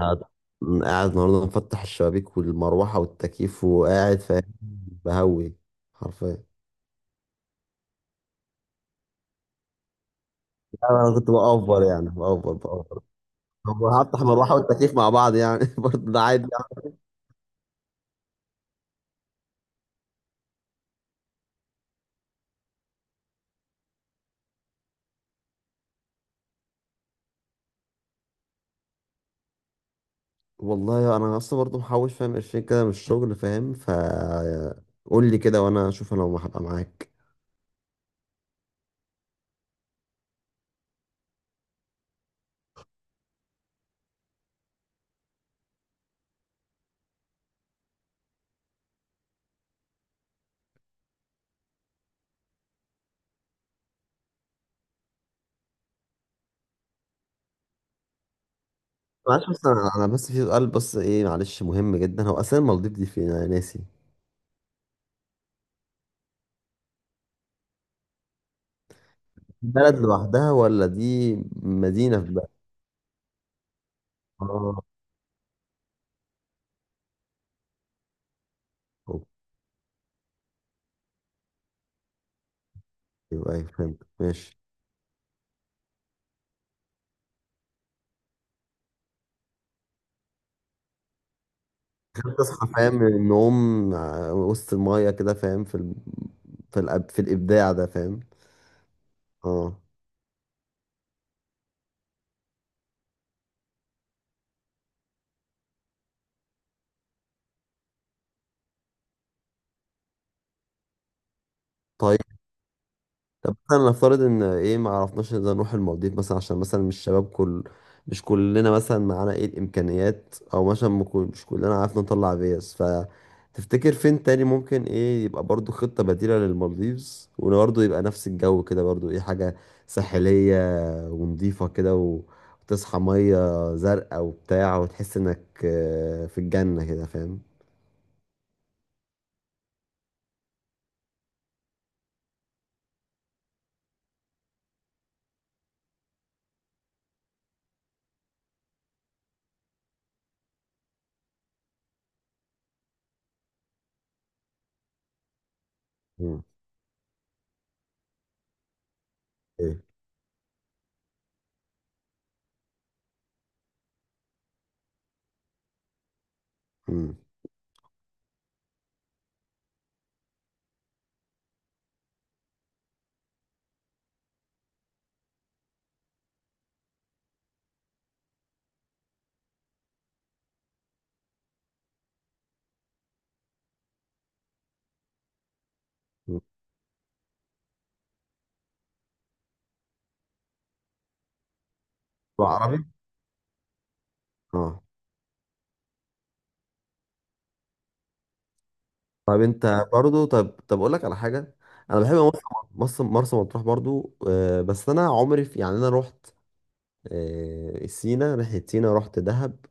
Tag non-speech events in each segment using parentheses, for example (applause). قاعد قاعد النهارده مفتح الشبابيك والمروحه والتكييف وقاعد فاهم. بهوي. حرفيا. لا، انا كنت بأفور يعني بأفور. طب هفتح المروحه والتكييف مع بعض يعني (laughs) برضه ده عادي يعني. والله انا اصلا برضه محوش فاهم 20 كده من الشغل فاهم. قول لي كده وانا اشوف انا هبقى معاك. معلش بس انا بس في سؤال بس ايه معلش مهم جدا. هو اساسا المالديف دي فين؟ انا ناسي. بلد لوحدها ولا دي مدينه في بلد؟ اه. اوكي. ايوه فهمت. ماشي. تصحى فاهم من النوم، وسط المية كده فاهم في الإبداع ده فاهم. اه. طيب. مثلا نفترض إن إيه ما عرفناش إذا نروح المالديف مثلا عشان مثلا مش شباب مش كلنا مثلا معانا إيه الإمكانيات، أو مثلا ما كل- مش كلنا عارف نطلع فيز. فتفتكر فين تاني ممكن إيه يبقى برضو خطة بديلة للمالديفز وبرضه يبقى نفس الجو كده، برضو إيه حاجة ساحلية ونضيفة كده وتصحى مية زرقاء وبتاع وتحس انك في الجنة كده فاهم. مم. ايه. مم. مم. عربي. اه. طب انت برضو طب اقول لك على حاجة. انا بحب مرسى مطروح برضو، بس انا عمري في يعني انا رحت، سينا ناحية سينا رحت دهب.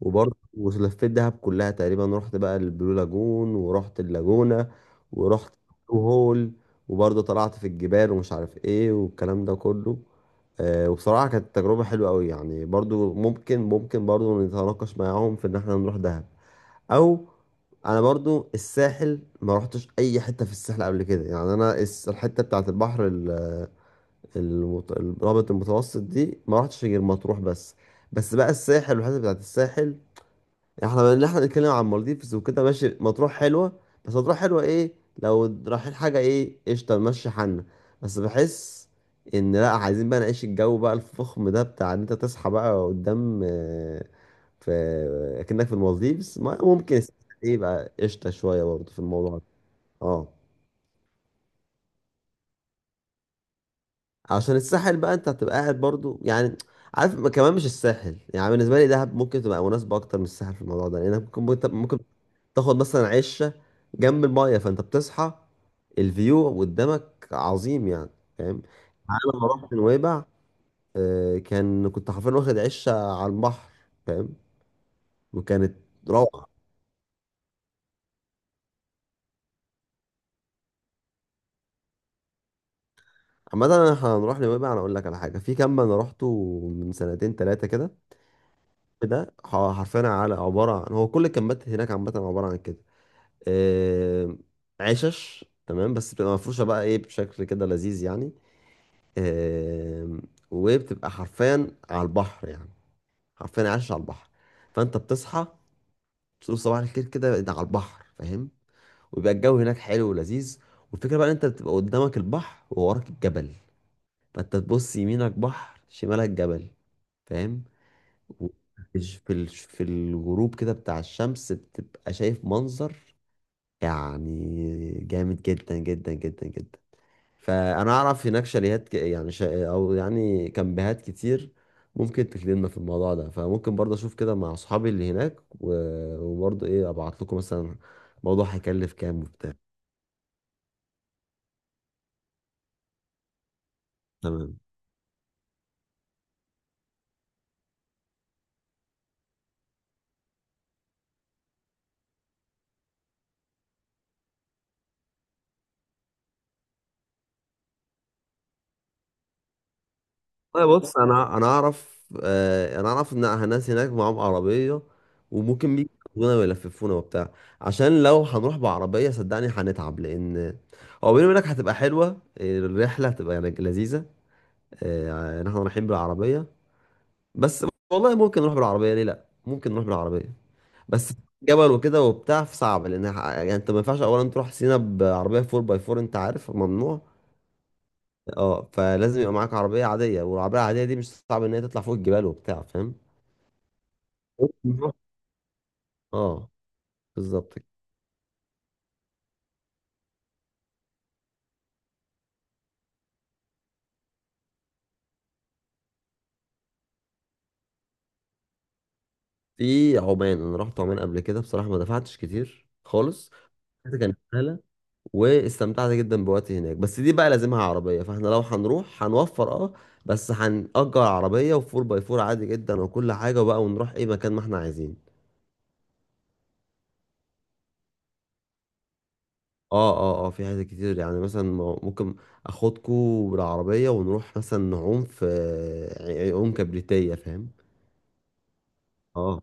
وبرضه ولفيت دهب كلها تقريبا، رحت بقى البلو لاجون ورحت اللاجونة ورحت البلو هول، وبرضه طلعت في الجبال ومش عارف ايه والكلام ده كله. وبصراحة كانت تجربة حلوة قوي يعني، برضه ممكن برضه نتناقش معاهم في ان احنا نروح دهب. او انا برضو الساحل ما رحتش اي حته في الساحل قبل كده، يعني انا الحته بتاعت البحر الرابط المتوسط دي ما رحتش غير مطروح بس. بس بقى الساحل والحته بتاعت الساحل، احنا بنتكلم عن مالديفز وكده، ماشي مطروح حلوه، بس مطروح حلوه ايه؟ لو رايحين حاجه ايه، قشطه نمشي حالنا. بس بحس ان لا عايزين بقى نعيش الجو بقى الفخم ده، بتاع ان انت تصحى بقى قدام، في اكنك في المالديفز، ممكن. ايه بقى قشطه شويه برضه في الموضوع ده. اه. عشان الساحل بقى انت هتبقى قاعد برضو، يعني عارف، كمان مش الساحل يعني بالنسبه لي، دهب ممكن تبقى مناسبه اكتر من الساحل في الموضوع ده، لانك ممكن تاخد مثلا عشه جنب المايه، فانت بتصحى الفيو قدامك عظيم يعني فاهم. في نويبع كنت حرفيا واخد عشه على البحر فاهم، وكانت روعه. عامة انا هنروح نويبع، انا اقول لك على حاجه. في كامب انا روحته من سنتين ثلاثه كده، ده حرفيا على عباره عن، هو كل الكامبات هناك عامه عباره عن كده، آه، عشش تمام، بس بتبقى مفروشة بقى ايه بشكل كده لذيذ يعني. آه، وبتبقى حرفيا على البحر يعني، حرفيا عايش على البحر. فانت بتصحى تقول صباح الخير كده ده على البحر فاهم. ويبقى الجو هناك حلو ولذيذ. والفكرة بقى ان انت بتبقى قدامك البحر ووراك الجبل، فانت تبص يمينك بحر شمالك جبل فاهم. و- في في الغروب كده بتاع الشمس، بتبقى شايف منظر يعني جامد جدا جدا جدا جدا. فانا اعرف هناك شاليهات يعني او يعني كامبهات كتير ممكن تخدمنا في الموضوع ده. فممكن برضه اشوف كده مع اصحابي اللي هناك وبرضه ايه ابعت لكم مثلا الموضوع هيكلف كام وبتاع. تمام. طيب بص، انا اعرف ان الناس هناك معاهم عربيه، وممكن بيجونا ويلففونا وبتاع. عشان لو هنروح بعربيه صدقني هنتعب، لان هو بيني وبينك هتبقى حلوه الرحله، هتبقى يعني لذيذه ان احنا رايحين بالعربيه. بس والله ممكن نروح بالعربيه، ليه لا، ممكن نروح بالعربيه. بس جبل وكده وبتاع صعب، لان يعني انت ما ينفعش اولا تروح سينا بعربيه 4 باي 4، انت عارف ممنوع. اه. فلازم يبقى معاك عربيه عاديه، والعربيه العاديه دي مش صعب ان هي تطلع فوق الجبال وبتاع فاهم. نروح- اه. بالظبط كده. في عمان، انا رحت عمان قبل كده بصراحه ما دفعتش كتير خالص. كان واستمتعت جدا بوقتي هناك، بس دي بقى لازمها عربية، فاحنا لو هنروح هنوفر اه. بس هنأجر عربية وفور باي فور عادي جدا، وكل حاجة بقى ونروح اي مكان ما احنا عايزين. اه اه اه. في حاجات كتير يعني مثلا، ممكن اخدكوا بالعربية ونروح مثلا نعوم في عيون كبريتية فاهم. اه.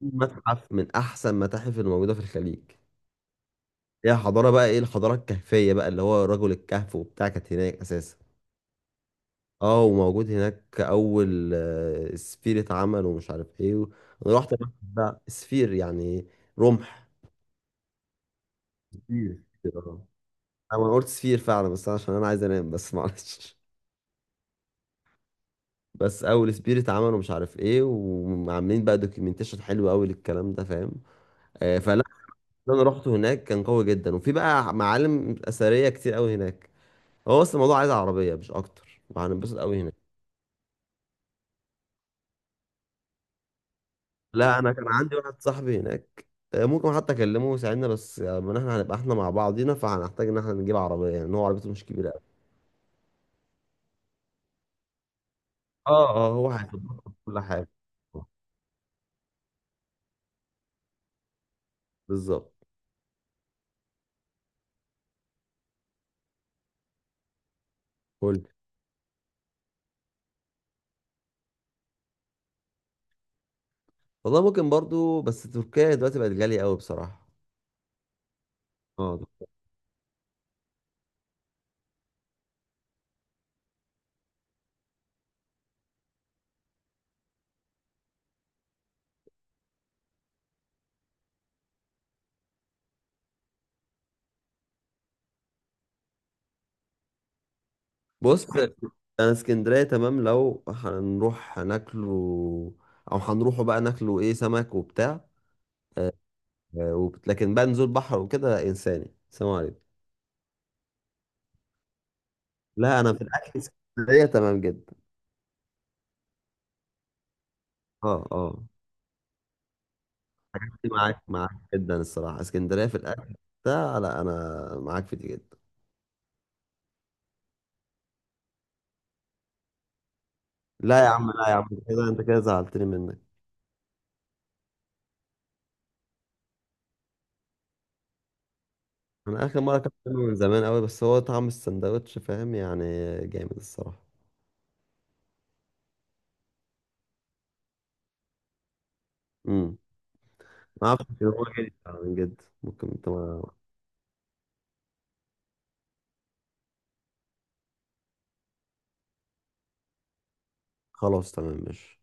في متحف من احسن متاحف الموجودة في الخليج. هي حضارة بقى ايه، الحضارة الكهفية بقى اللي هو رجل الكهف وبتاع، كانت هناك اساسا. اه. وموجود هناك اول، سفيرة عمل ومش عارف ايه انا رحت المتحف ده. سفير يعني، رمح. سفير. آه. انا قلت سفير فعلا بس عشان انا عايز انام بس (laughs) معلش. بس اول سفير اتعمل ومش عارف ايه، وعاملين بقى دوكيومنتيشن حلو قوي للكلام ده فاهم. فلا، اللي انا رحت هناك كان قوي جدا، وفي بقى معالم اثريه كتير قوي هناك. هو بس الموضوع عايز عربيه مش اكتر، وهننبسط قوي هناك. لا انا كان عندي واحد صاحبي هناك، ممكن حتى اكلمه يساعدنا. بس من احنا هنبقى احنا مع بعضينا، فهنحتاج ان احنا نجيب عربيه، يعني إن هو عربيته مش كبيره قوي. اه اه. هو هيظبط كل حاجه. بالظبط. قول. والله ممكن برضو، بس تركيا دلوقتي بقت غاليه قوي بصراحه. اه. بص انا اسكندريه تمام. لو هنروح هناكله، او هنروحوا بقى ناكله ايه سمك وبتاع، لكن بقى نزول بحر وكده انساني، سلام عليكم. لا انا في الاكل اسكندريه تمام جدا. اه اه. معاك معاك جدا الصراحه، اسكندريه في الاكل ده. لا انا معاك في دي جدا. لا يا عم لا يا عم، انت كده انت كده زعلتني منك. انا اخر مره اكلت منه من زمان قوي، بس هو طعم السندوتش فاهم يعني جامد الصراحه. امم ما اعرفش كده، هو جامد فعلاً جدا، ممكن انت ما... خلاص تمام ماشي.